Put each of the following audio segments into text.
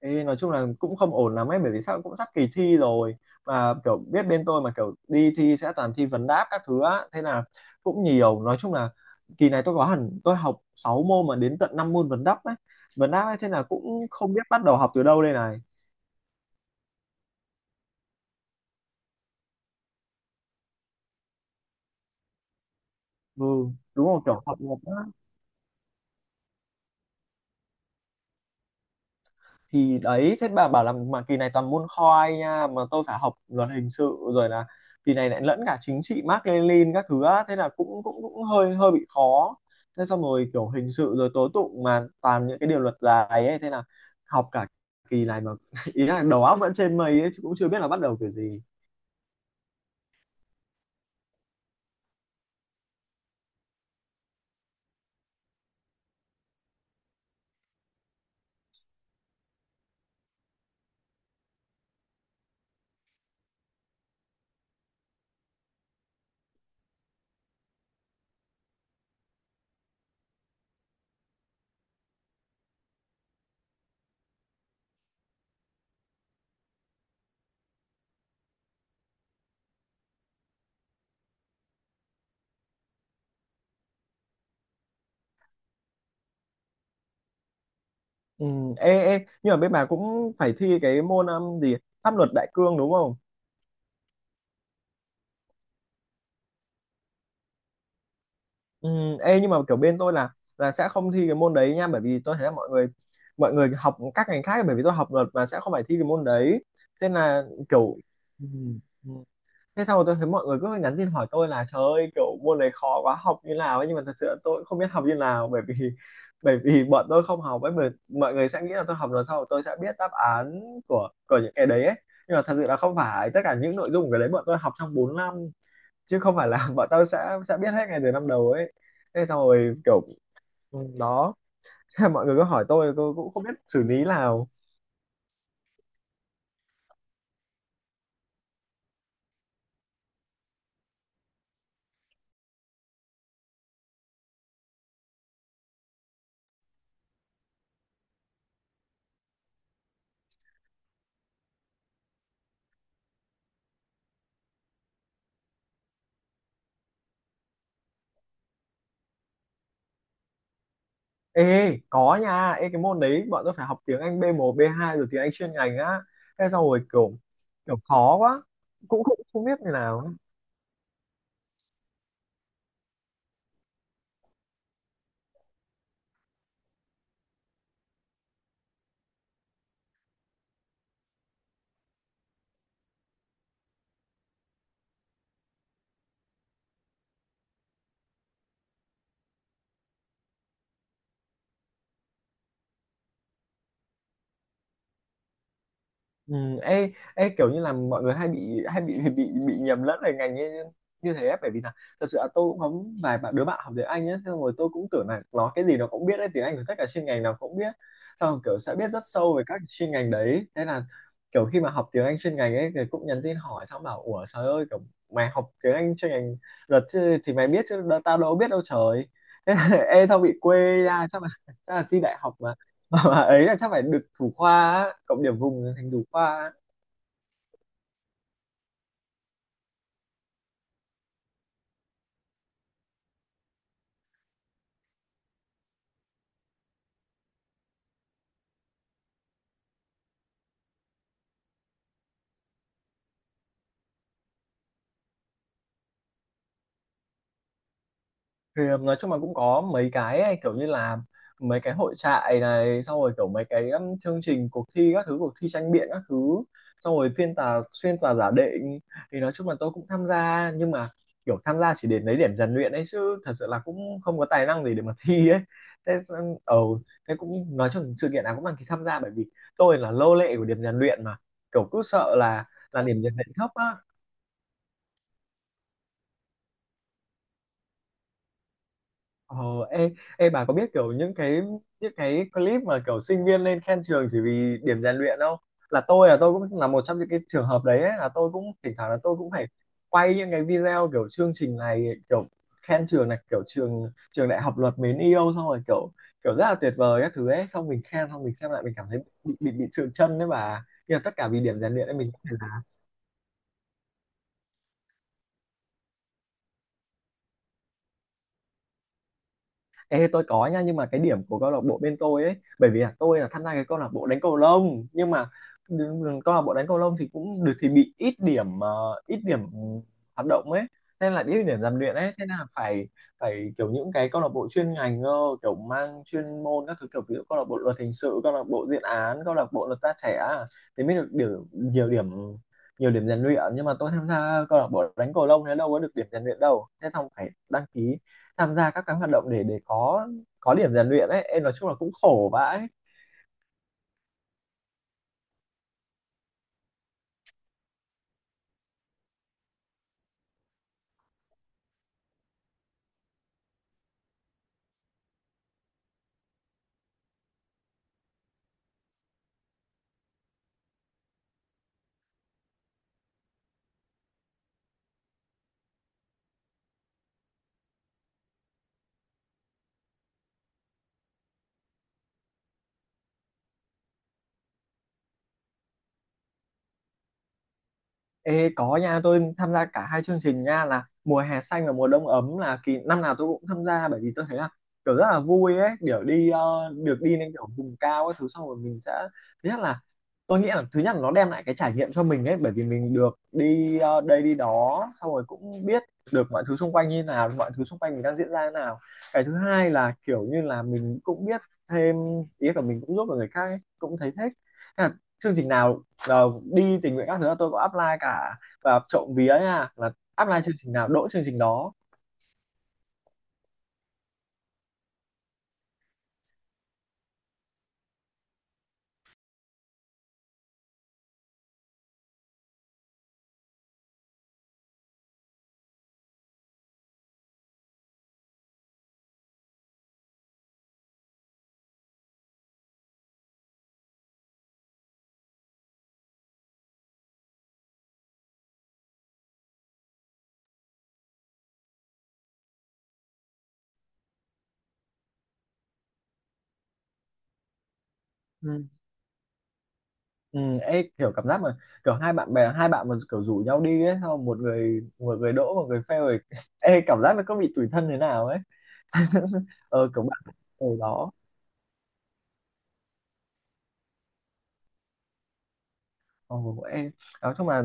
Ê, nói chung là cũng không ổn lắm ấy, bởi vì sao cũng sắp kỳ thi rồi mà kiểu biết bên tôi mà kiểu đi thi sẽ toàn thi vấn đáp các thứ á, thế là cũng nhiều, nói chung là kỳ này tôi có hẳn tôi học 6 môn mà đến tận 5 môn Vấn đáp ấy thế là cũng không biết bắt đầu học từ đâu đây này. Ừ, đúng không, kiểu học một á. Thì đấy, thế bà bảo là mà kỳ này toàn môn khoi nha, mà tôi phải học luật hình sự rồi là kỳ này lại lẫn cả chính trị Mác Lênin các thứ á, thế là cũng cũng cũng hơi hơi bị khó. Thế xong rồi kiểu hình sự rồi tố tụng mà toàn những cái điều luật dài ấy, thế là học cả kỳ này mà ý là đầu óc vẫn trên mây ấy chứ cũng chưa biết là bắt đầu kiểu gì. Ừ, ê, nhưng mà bên bà cũng phải thi cái môn gì, pháp luật đại cương đúng không? Ừ, ê, nhưng mà kiểu bên tôi là sẽ không thi cái môn đấy nha, bởi vì tôi thấy là mọi người học các ngành khác, bởi vì tôi học luật mà sẽ không phải thi cái môn đấy, nên là kiểu ừ, ừ. Thế xong rồi tôi thấy mọi người cứ nhắn tin hỏi tôi là trời ơi, kiểu môn đấy khó quá, học như nào ấy, nhưng mà thật sự là tôi cũng không biết học như nào bởi vì bởi vì bọn tôi không học ấy, mà mọi người sẽ nghĩ là tôi học luật, sau rồi tôi sẽ biết đáp án của những cái đấy ấy. Nhưng mà thật sự là không phải tất cả những nội dung của cái đấy bọn tôi học trong 4 năm, chứ không phải là bọn tao sẽ biết hết ngay từ năm đầu ấy. Thế xong rồi kiểu ừ, đó. Mọi người cứ hỏi tôi cũng không biết xử lý nào. Ê, có nha, ê cái môn đấy bọn tôi phải học tiếng Anh b một b hai rồi tiếng Anh chuyên ngành á, thế xong rồi kiểu kiểu khó quá, cũng không không biết như nào. Ừ, ê, kiểu như là mọi người hay bị nhầm lẫn về ngành như thế ấy, bởi vì là thật sự là tôi cũng có vài bạn, đứa bạn học tiếng Anh ấy, xong rồi tôi cũng tưởng là nó cái gì nó cũng biết đấy, tiếng Anh của tất cả chuyên ngành nào cũng biết, xong rồi kiểu sẽ biết rất sâu về các chuyên ngành đấy, thế là kiểu khi mà học tiếng Anh chuyên ngành ấy thì cũng nhắn tin hỏi, xong bảo ủa trời ơi kiểu mày học tiếng Anh chuyên ngành luật chứ, thì mày biết chứ, tao đâu biết đâu trời. Thế là, ê tao bị quê ra, chắc là thi đại học mà bà ấy là chắc phải được thủ khoa á, cộng điểm vùng thành thủ khoa á. Thì nói chung là cũng có mấy cái ấy, kiểu như là mấy cái hội trại này, xong rồi kiểu mấy cái chương trình cuộc thi các thứ, cuộc thi tranh biện các thứ, xong rồi phiên tòa xuyên tòa giả định, thì nói chung là tôi cũng tham gia, nhưng mà kiểu tham gia chỉ để lấy điểm rèn luyện ấy chứ thật sự là cũng không có tài năng gì để mà thi ấy. Thế thế cũng nói chung sự kiện nào cũng đăng ký tham gia, bởi vì tôi là lô lệ của điểm rèn luyện mà, kiểu cứ sợ là điểm rèn luyện thấp á. Ờ, ê, ê bà có biết kiểu những cái clip mà kiểu sinh viên lên khen trường chỉ vì điểm rèn luyện không? Là tôi cũng là một trong những cái trường hợp đấy ấy, là tôi cũng thỉnh thoảng là tôi cũng phải quay những cái video kiểu chương trình này, kiểu khen trường này, kiểu trường trường đại học luật mến yêu, xong rồi kiểu kiểu rất là tuyệt vời các thứ ấy, xong mình khen xong mình xem lại mình cảm thấy bị sượng chân đấy bà, nhưng mà tất cả vì điểm rèn luyện ấy mình. Ê, tôi có nha, nhưng mà cái điểm của câu lạc bộ bên tôi ấy, bởi vì là tôi là tham gia cái câu lạc bộ đánh cầu lông, nhưng mà câu lạc bộ đánh cầu lông thì cũng được thì bị ít điểm, ít điểm hoạt động ấy, nên là ít điểm rèn luyện ấy, thế là phải phải kiểu những cái câu lạc bộ chuyên ngành cơ, kiểu mang chuyên môn các thứ, kiểu ví dụ câu lạc bộ luật hình sự, câu lạc bộ diện án, câu lạc bộ luật gia trẻ à, thì mới được điểm, nhiều điểm nhiều điểm rèn luyện. Nhưng mà tôi tham gia câu lạc bộ đánh cầu lông thế đâu có được điểm rèn luyện đâu, thế xong phải đăng ký tham gia các cái hoạt động để có điểm rèn luyện ấy, em nói chung là cũng khổ vãi. Ê, có nha, tôi tham gia cả hai chương trình nha, là mùa hè xanh và mùa đông ấm, là kỳ năm nào tôi cũng tham gia, bởi vì tôi thấy là kiểu rất là vui ấy, kiểu đi được đi lên kiểu vùng cao các thứ, xong rồi mình sẽ thứ nhất là tôi nghĩ là thứ nhất là nó đem lại cái trải nghiệm cho mình ấy, bởi vì mình được đi đây đi đó, xong rồi cũng biết được mọi thứ xung quanh như nào, mọi thứ xung quanh mình đang diễn ra như nào, cái thứ hai là kiểu như là mình cũng biết thêm, ý là mình cũng giúp được người khác ấy, cũng thấy thích. Thế là chương trình nào, ờ, đi tình nguyện các thứ là tôi có apply cả, và trộm vía nha là apply chương trình nào đỗ chương trình đó. Ừ. Ừ, ê, kiểu cảm giác mà kiểu hai bạn bè, hai bạn mà kiểu rủ nhau đi ấy, sau một người đỗ một người fail rồi. Ê cảm giác nó có bị tủi thân thế nào ấy. Ờ kiểu bạn ở đó, ồ ê, nói chung là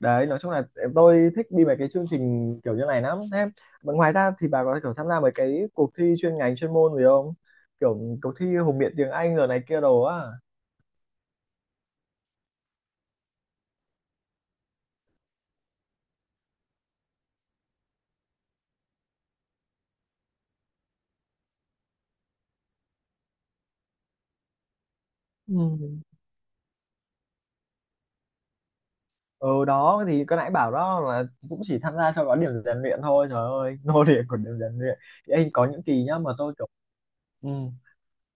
đấy, nói chung là tôi thích đi mấy cái chương trình kiểu như này lắm. Thế mà ngoài ra thì bà có kiểu tham gia mấy cái cuộc thi chuyên ngành, chuyên môn gì không, kiểu cuộc thi hùng biện tiếng Anh rồi này kia đồ á? Ừ. Ừ đó, thì cái nãy bảo đó là cũng chỉ tham gia cho có điểm rèn luyện thôi, trời ơi, nô lệ của điểm rèn luyện. Thì anh có những kỳ nhá mà tôi kiểu ừ,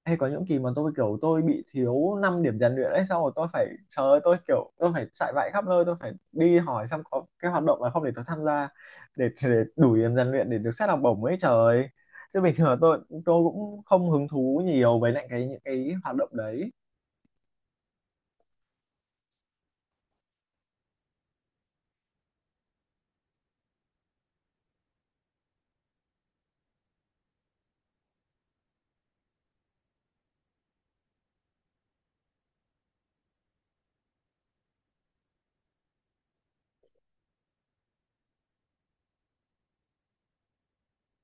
hay có những kỳ mà tôi kiểu tôi bị thiếu 5 điểm rèn luyện ấy, xong rồi tôi phải, trời ơi tôi kiểu tôi phải chạy vạy khắp nơi, tôi phải đi hỏi xem có cái hoạt động là không để tôi tham gia, để đủ điểm rèn luyện để được xét học bổng ấy trời, chứ bình thường là tôi cũng không hứng thú nhiều với lại cái những cái hoạt động đấy.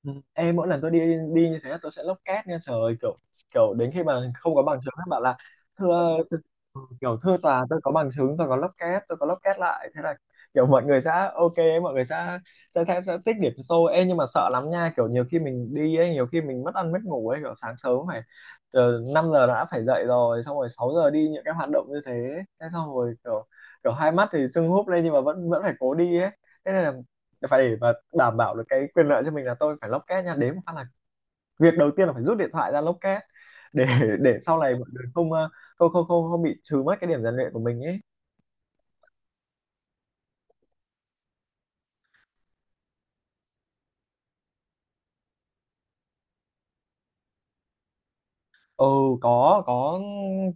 Ừ. Ê, mỗi lần tôi đi đi như thế tôi sẽ lốc két nha, trời ơi, kiểu kiểu đến khi mà không có bằng chứng nó bảo là thưa thưa- ừ, kiểu thưa tòa tôi có bằng chứng, tôi có lốc két lại, thế là kiểu mọi người sẽ ok, mọi người sẽ tích điểm cho tôi. Ê, nhưng mà sợ lắm nha, kiểu nhiều khi mình đi ấy, nhiều khi mình mất ăn mất ngủ ấy, kiểu sáng sớm phải 5 giờ đã phải dậy rồi, xong rồi 6 giờ đi những cái hoạt động như thế, thế xong rồi kiểu kiểu hai mắt thì sưng húp lên, nhưng mà vẫn vẫn phải cố đi ấy, thế nên là phải để mà đảm bảo được cái quyền lợi cho mình là tôi phải lock két nha, đến một phát là việc đầu tiên là phải rút điện thoại ra lock két, để để sau này mọi người không không không không không bị trừ mất cái điểm rèn luyện của mình ấy. Ừ, có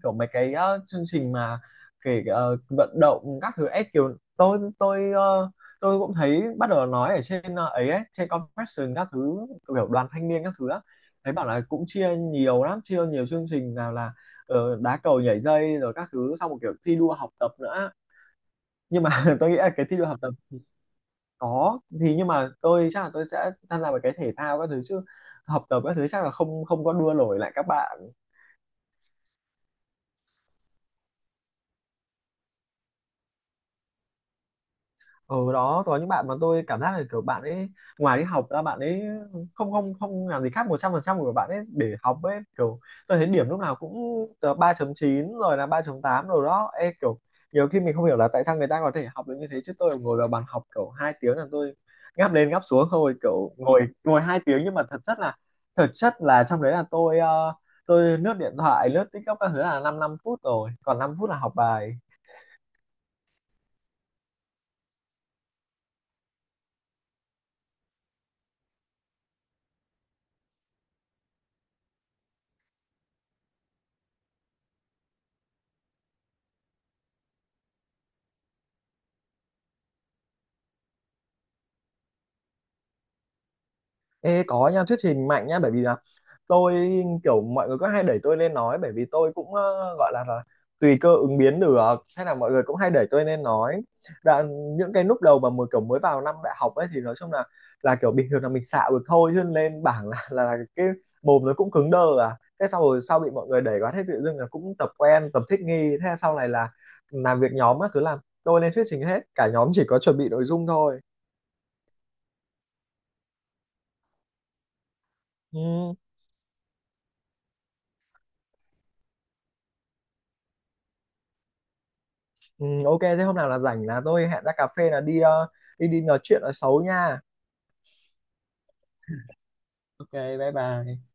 kiểu mấy cái chương trình mà kể vận động các thứ ấy, kiểu tôi cũng thấy bắt đầu nói ở trên ấy, trên confession các thứ, kiểu đoàn thanh niên các thứ á, thấy bảo là cũng chia nhiều lắm, chia nhiều chương trình nào là đá cầu, nhảy dây rồi các thứ, xong một kiểu thi đua học tập nữa, nhưng mà tôi nghĩ là cái thi đua học tập có thì nhưng mà tôi chắc là tôi sẽ tham gia vào cái thể thao các thứ chứ học tập các thứ chắc là không không có đua nổi lại các bạn. Ở đó có những bạn mà tôi cảm giác là kiểu bạn ấy ngoài đi học ra bạn ấy không không không làm gì khác, 100% của bạn ấy để học ấy, kiểu tôi thấy điểm lúc nào cũng từ 3.9 rồi là 3.8 rồi đó. Ê, kiểu nhiều khi mình không hiểu là tại sao người ta có thể học được như thế, chứ tôi ngồi vào bàn học kiểu hai tiếng là tôi ngáp lên ngáp xuống thôi, kiểu ngồi ngồi hai tiếng nhưng mà thật chất là, thực chất là trong đấy là tôi tôi lướt điện thoại lướt TikTok các thứ là 5 năm năm phút rồi còn 5 phút là học bài. Ê, có nha, thuyết trình mạnh nha bởi vì là tôi kiểu mọi người có hay đẩy tôi lên nói, bởi vì tôi cũng gọi là, tùy cơ ứng biến được, hay là mọi người cũng hay đẩy tôi lên nói. Đoạn, những cái lúc đầu mà mới kiểu mới vào năm đại học ấy thì nói chung là kiểu bình thường là mình xạo được thôi, chứ lên bảng là, là cái mồm nó cũng cứng đơ à, thế sau rồi sau bị mọi người đẩy quá, thế tự dưng là cũng tập quen tập thích nghi, thế sau này là làm việc nhóm á, cứ làm tôi lên thuyết trình hết, cả nhóm chỉ có chuẩn bị nội dung thôi. Ừ. Ừ, ok, thế hôm nào là rảnh là tôi hẹn ra cà phê là đi ờ, đi đi nói chuyện ở xấu nha. Ok, bye bye.